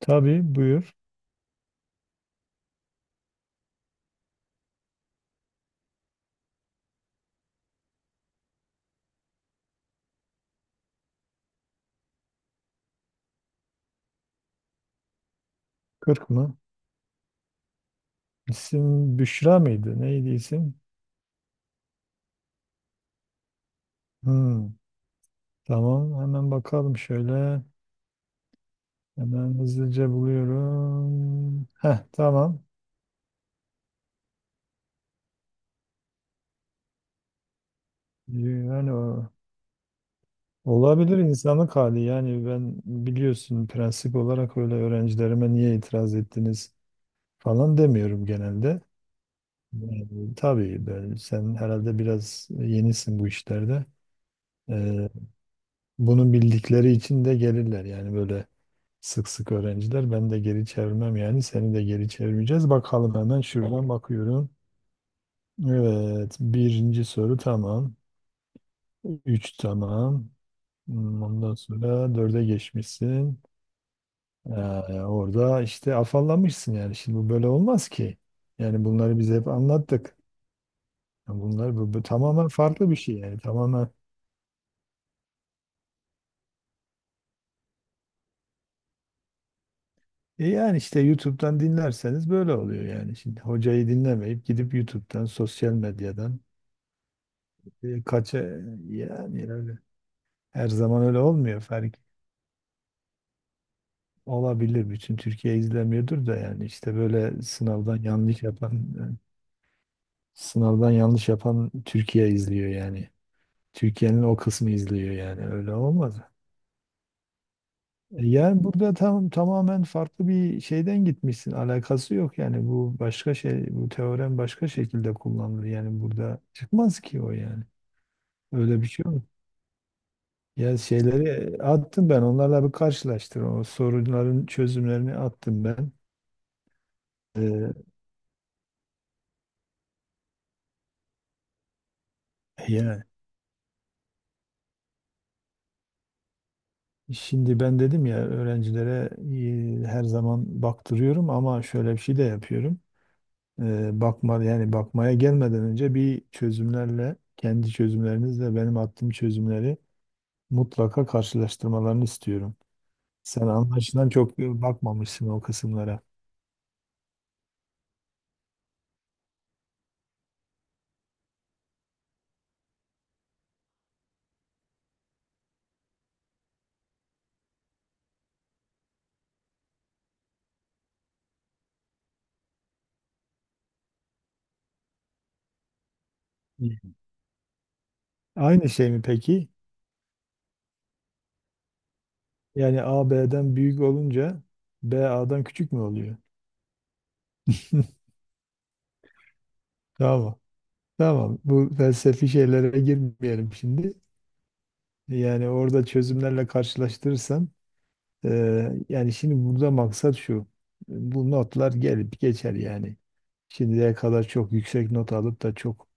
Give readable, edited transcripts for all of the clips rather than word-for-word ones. Tabii buyur. Kırk mı? İsim Büşra mıydı? Neydi isim? Hmm, tamam hemen bakalım şöyle. Hemen hızlıca buluyorum. Heh, tamam. Yani olabilir insanlık hali. Yani ben biliyorsun, prensip olarak öyle öğrencilerime niye itiraz ettiniz falan demiyorum genelde. Yani, tabii ben, sen herhalde biraz yenisin bu işlerde. Ee, bunu bildikleri için de gelirler. Yani böyle sık sık öğrenciler. Ben de geri çevirmem yani. Seni de geri çevirmeyeceğiz. Bakalım, hemen şuradan bakıyorum. Evet. Birinci soru tamam. Üç tamam. Ondan sonra dörde geçmişsin. Ee, orada işte afallamışsın yani. Şimdi bu böyle olmaz ki. Yani bunları biz hep anlattık. Yani bunlar, bu tamamen farklı bir şey yani. Tamamen. Yani işte YouTube'dan dinlerseniz böyle oluyor yani. Şimdi hocayı dinlemeyip gidip YouTube'dan, sosyal medyadan, kaça yani öyle. Her zaman öyle olmuyor. Fark olabilir. Bütün Türkiye izlemiyordur da yani, işte böyle sınavdan yanlış yapan Türkiye izliyor yani. Türkiye'nin o kısmı izliyor yani. Öyle olmaz. Yani burada tam tamamen farklı bir şeyden gitmişsin. Alakası yok yani. Bu başka şey, bu teorem başka şekilde kullanılır. Yani burada çıkmaz ki o yani. Öyle bir şey yok. Ya, şeyleri attım ben. Onlarla bir karşılaştır. O sorunların çözümlerini attım ben. E, Ya şimdi ben dedim ya, öğrencilere her zaman baktırıyorum ama şöyle bir şey de yapıyorum. Bakmaya gelmeden önce, bir çözümlerle kendi çözümlerinizle benim attığım çözümleri mutlaka karşılaştırmalarını istiyorum. Sen anlaşılan çok bakmamışsın o kısımlara. Hı. Aynı şey mi peki? Yani A B'den büyük olunca B A'dan küçük mü oluyor? Tamam. Tamam. Bu felsefi şeylere girmeyelim şimdi. Yani orada çözümlerle karşılaştırırsan, yani şimdi burada maksat şu. Bu notlar gelip geçer yani. Şimdiye kadar çok yüksek not alıp da çok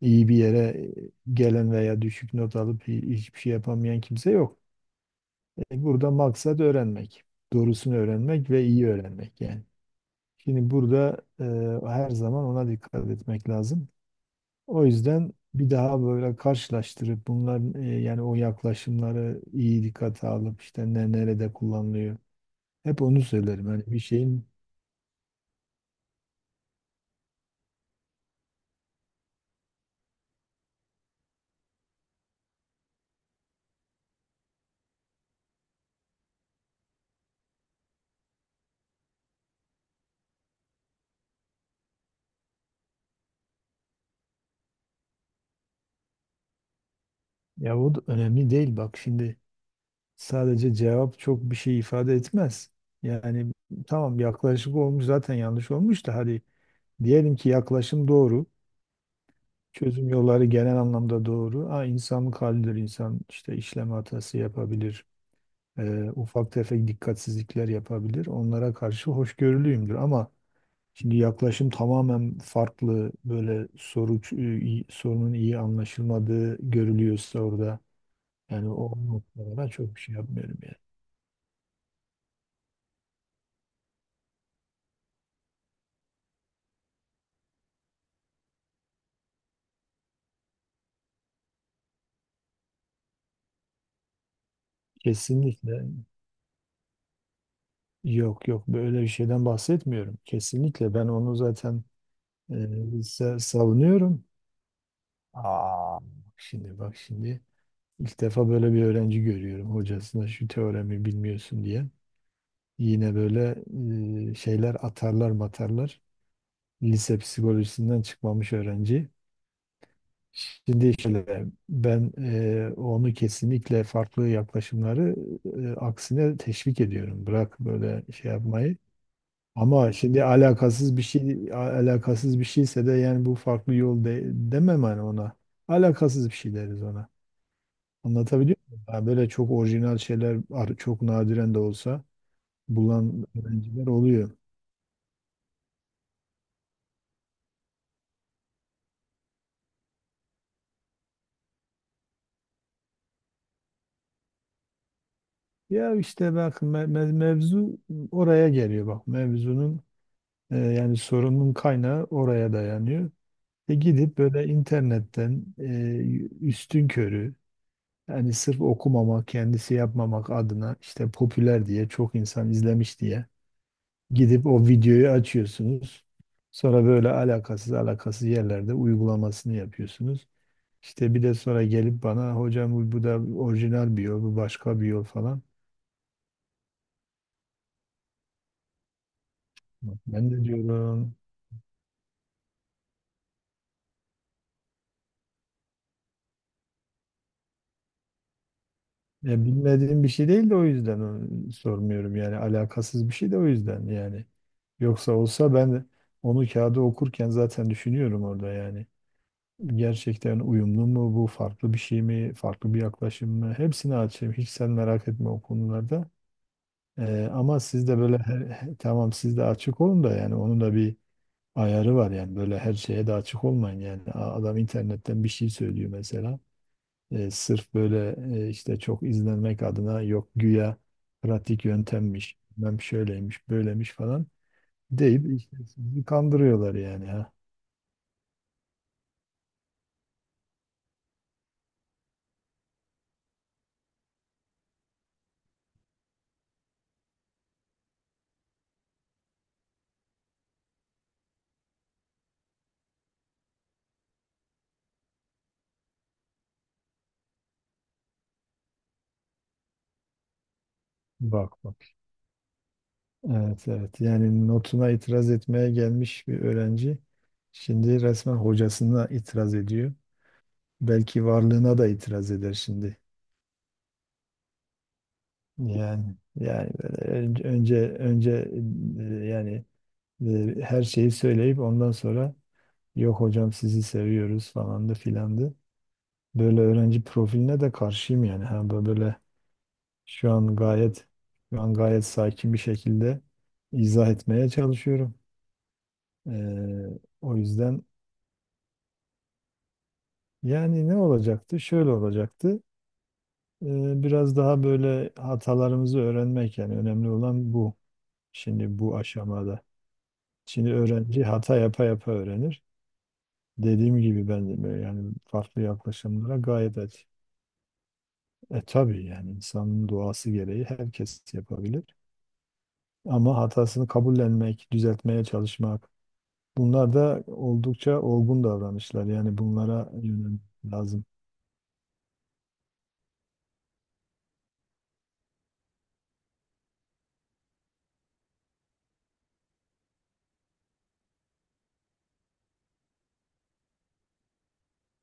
iyi bir yere gelen veya düşük not alıp hiçbir şey yapamayan kimse yok. Burada maksat öğrenmek. Doğrusunu öğrenmek ve iyi öğrenmek yani. Şimdi burada her zaman ona dikkat etmek lazım. O yüzden bir daha böyle karşılaştırıp bunların, yani o yaklaşımları iyi dikkate alıp işte ne nerede kullanılıyor. Hep onu söylerim. Hani bir şeyin... Ya, o da önemli değil, bak şimdi, sadece cevap çok bir şey ifade etmez. Yani tamam, yaklaşık olmuş zaten, yanlış olmuş da, hadi diyelim ki yaklaşım doğru. Çözüm yolları genel anlamda doğru. Ha, insanlık halidir, insan işte işlem hatası yapabilir, ufak tefek dikkatsizlikler yapabilir. Onlara karşı hoşgörülüyümdür, ama şimdi yaklaşım tamamen farklı, böyle sorunun iyi anlaşılmadığı görülüyorsa orada, yani o noktada çok bir şey yapmıyorum yani. Kesinlikle yok, yok, böyle bir şeyden bahsetmiyorum. Kesinlikle ben onu zaten e, savunuyorum. Bak. Şimdi bak şimdi, ilk defa böyle bir öğrenci görüyorum hocasına şu teoremi bilmiyorsun diye. Yine böyle şeyler atarlar matarlar. Lise psikolojisinden çıkmamış öğrenci. Şimdi şöyle, ben onu kesinlikle, farklı yaklaşımları, aksine teşvik ediyorum. Bırak böyle şey yapmayı. Ama şimdi alakasız bir şeyse de yani, bu farklı yol demem hani ona. Alakasız bir şey deriz ona. Anlatabiliyor muyum? Yani böyle çok orijinal şeyler çok nadiren de olsa bulan öğrenciler oluyor. Ya işte bak, mevzu oraya geliyor, bak mevzunun, yani sorunun kaynağı oraya dayanıyor. Gidip böyle internetten, üstün körü, yani sırf okumamak, kendisi yapmamak adına, işte popüler diye, çok insan izlemiş diye gidip o videoyu açıyorsunuz. Sonra böyle alakasız alakasız yerlerde uygulamasını yapıyorsunuz. İşte bir de sonra gelip bana, hocam bu da orijinal bir yol, bu başka bir yol falan. Ben de diyorum. Ya bilmediğim bir şey değil de o yüzden onu sormuyorum yani, alakasız bir şey de o yüzden yani. Yoksa olsa ben onu kağıda okurken zaten düşünüyorum orada yani. Gerçekten uyumlu mu, bu farklı bir şey mi, farklı bir yaklaşım mı, hepsini açayım, hiç sen merak etme o konularda. Ama siz de böyle tamam, siz de açık olun da, yani onun da bir ayarı var, yani böyle her şeye de açık olmayın yani, adam internetten bir şey söylüyor mesela. Sırf böyle, işte çok izlenmek adına, yok güya pratik yöntemmiş, bilmem şöyleymiş, böyleymiş falan deyip işte sizi kandırıyorlar yani, ha. Bak bak. Evet, evet. Yani notuna itiraz etmeye gelmiş bir öğrenci şimdi resmen hocasına itiraz ediyor. Belki varlığına da itiraz eder şimdi. Yani böyle önce, yani, her şeyi söyleyip ondan sonra, yok hocam sizi seviyoruz falandı filandı. Böyle öğrenci profiline de karşıyım yani. Ha, böyle şu an gayet şu an gayet sakin bir şekilde izah etmeye çalışıyorum. O yüzden, yani ne olacaktı? Şöyle olacaktı. Biraz daha böyle hatalarımızı öğrenmek, yani önemli olan bu. Şimdi bu aşamada. Şimdi öğrenci hata yapa yapa öğrenir. Dediğim gibi ben de böyle yani, farklı yaklaşımlara gayet aç. Tabii yani, insanın doğası gereği herkes yapabilir. Ama hatasını kabullenmek, düzeltmeye çalışmak. Bunlar da oldukça olgun davranışlar. Yani bunlara yönelmek lazım.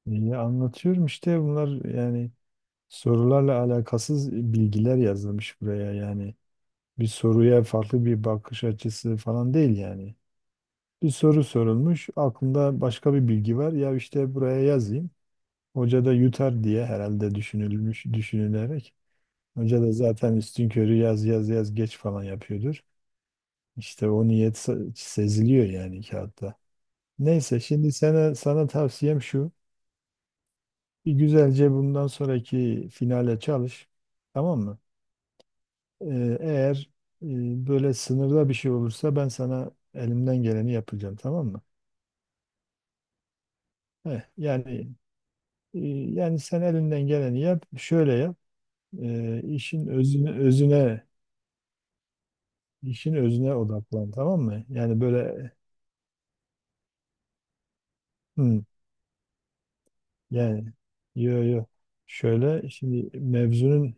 İyi anlatıyorum işte, bunlar yani sorularla alakasız bilgiler yazılmış buraya yani. Bir soruya farklı bir bakış açısı falan değil yani. Bir soru sorulmuş, aklında başka bir bilgi var. Ya işte buraya yazayım. Hoca da yutar diye herhalde düşünülmüş, düşünülerek. Hoca da zaten üstünkörü yaz yaz yaz geç falan yapıyordur. İşte o niyet seziliyor yani kağıtta. Neyse şimdi sana tavsiyem şu. Bir güzelce bundan sonraki finale çalış. Tamam mı? Eğer e, böyle sınırda bir şey olursa, ben sana elimden geleni yapacağım. Tamam mı? Heh, yani yani sen elinden geleni yap. Şöyle yap. İşin özüne, özüne işin özüne odaklan. Tamam mı? Yani böyle, hmm, yani, yo yo. Şöyle şimdi mevzunun...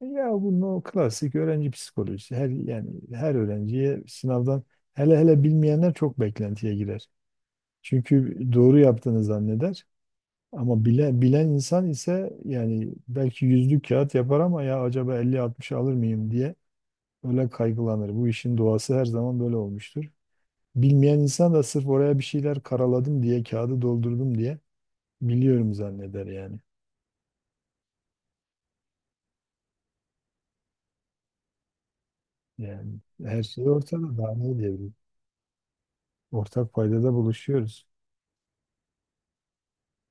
Ya, bunun o klasik öğrenci psikolojisi. Her öğrenciye sınavdan, hele hele bilmeyenler çok beklentiye girer. Çünkü doğru yaptığını zanneder. Ama bilen insan ise, yani belki yüzlük kağıt yapar, ama ya acaba elli 60 alır mıyım diye öyle kaygılanır. Bu işin doğası her zaman böyle olmuştur. Bilmeyen insan da sırf oraya bir şeyler karaladım diye, kağıdı doldurdum diye biliyorum zanneder yani. Yani her şey ortada, daha ne diyebilirim. Ortak paydada buluşuyoruz.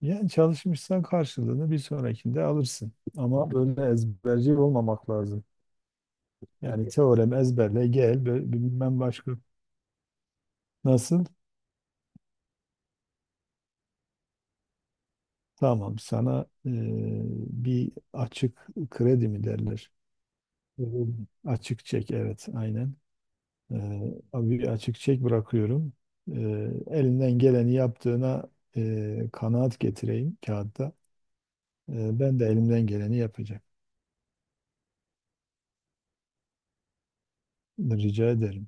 Yani çalışmışsan karşılığını bir sonrakinde alırsın. Ama böyle ezberci olmamak lazım. Yani teorem ezberle gel, bilmem başka nasıl? Tamam sana, bir açık kredi mi derler? Evet. Açık çek, evet, aynen. E, abi bir açık çek bırakıyorum. E, elinden geleni yaptığına, kanaat getireyim kağıtta. Ben de elimden geleni yapacağım. Rica ederim.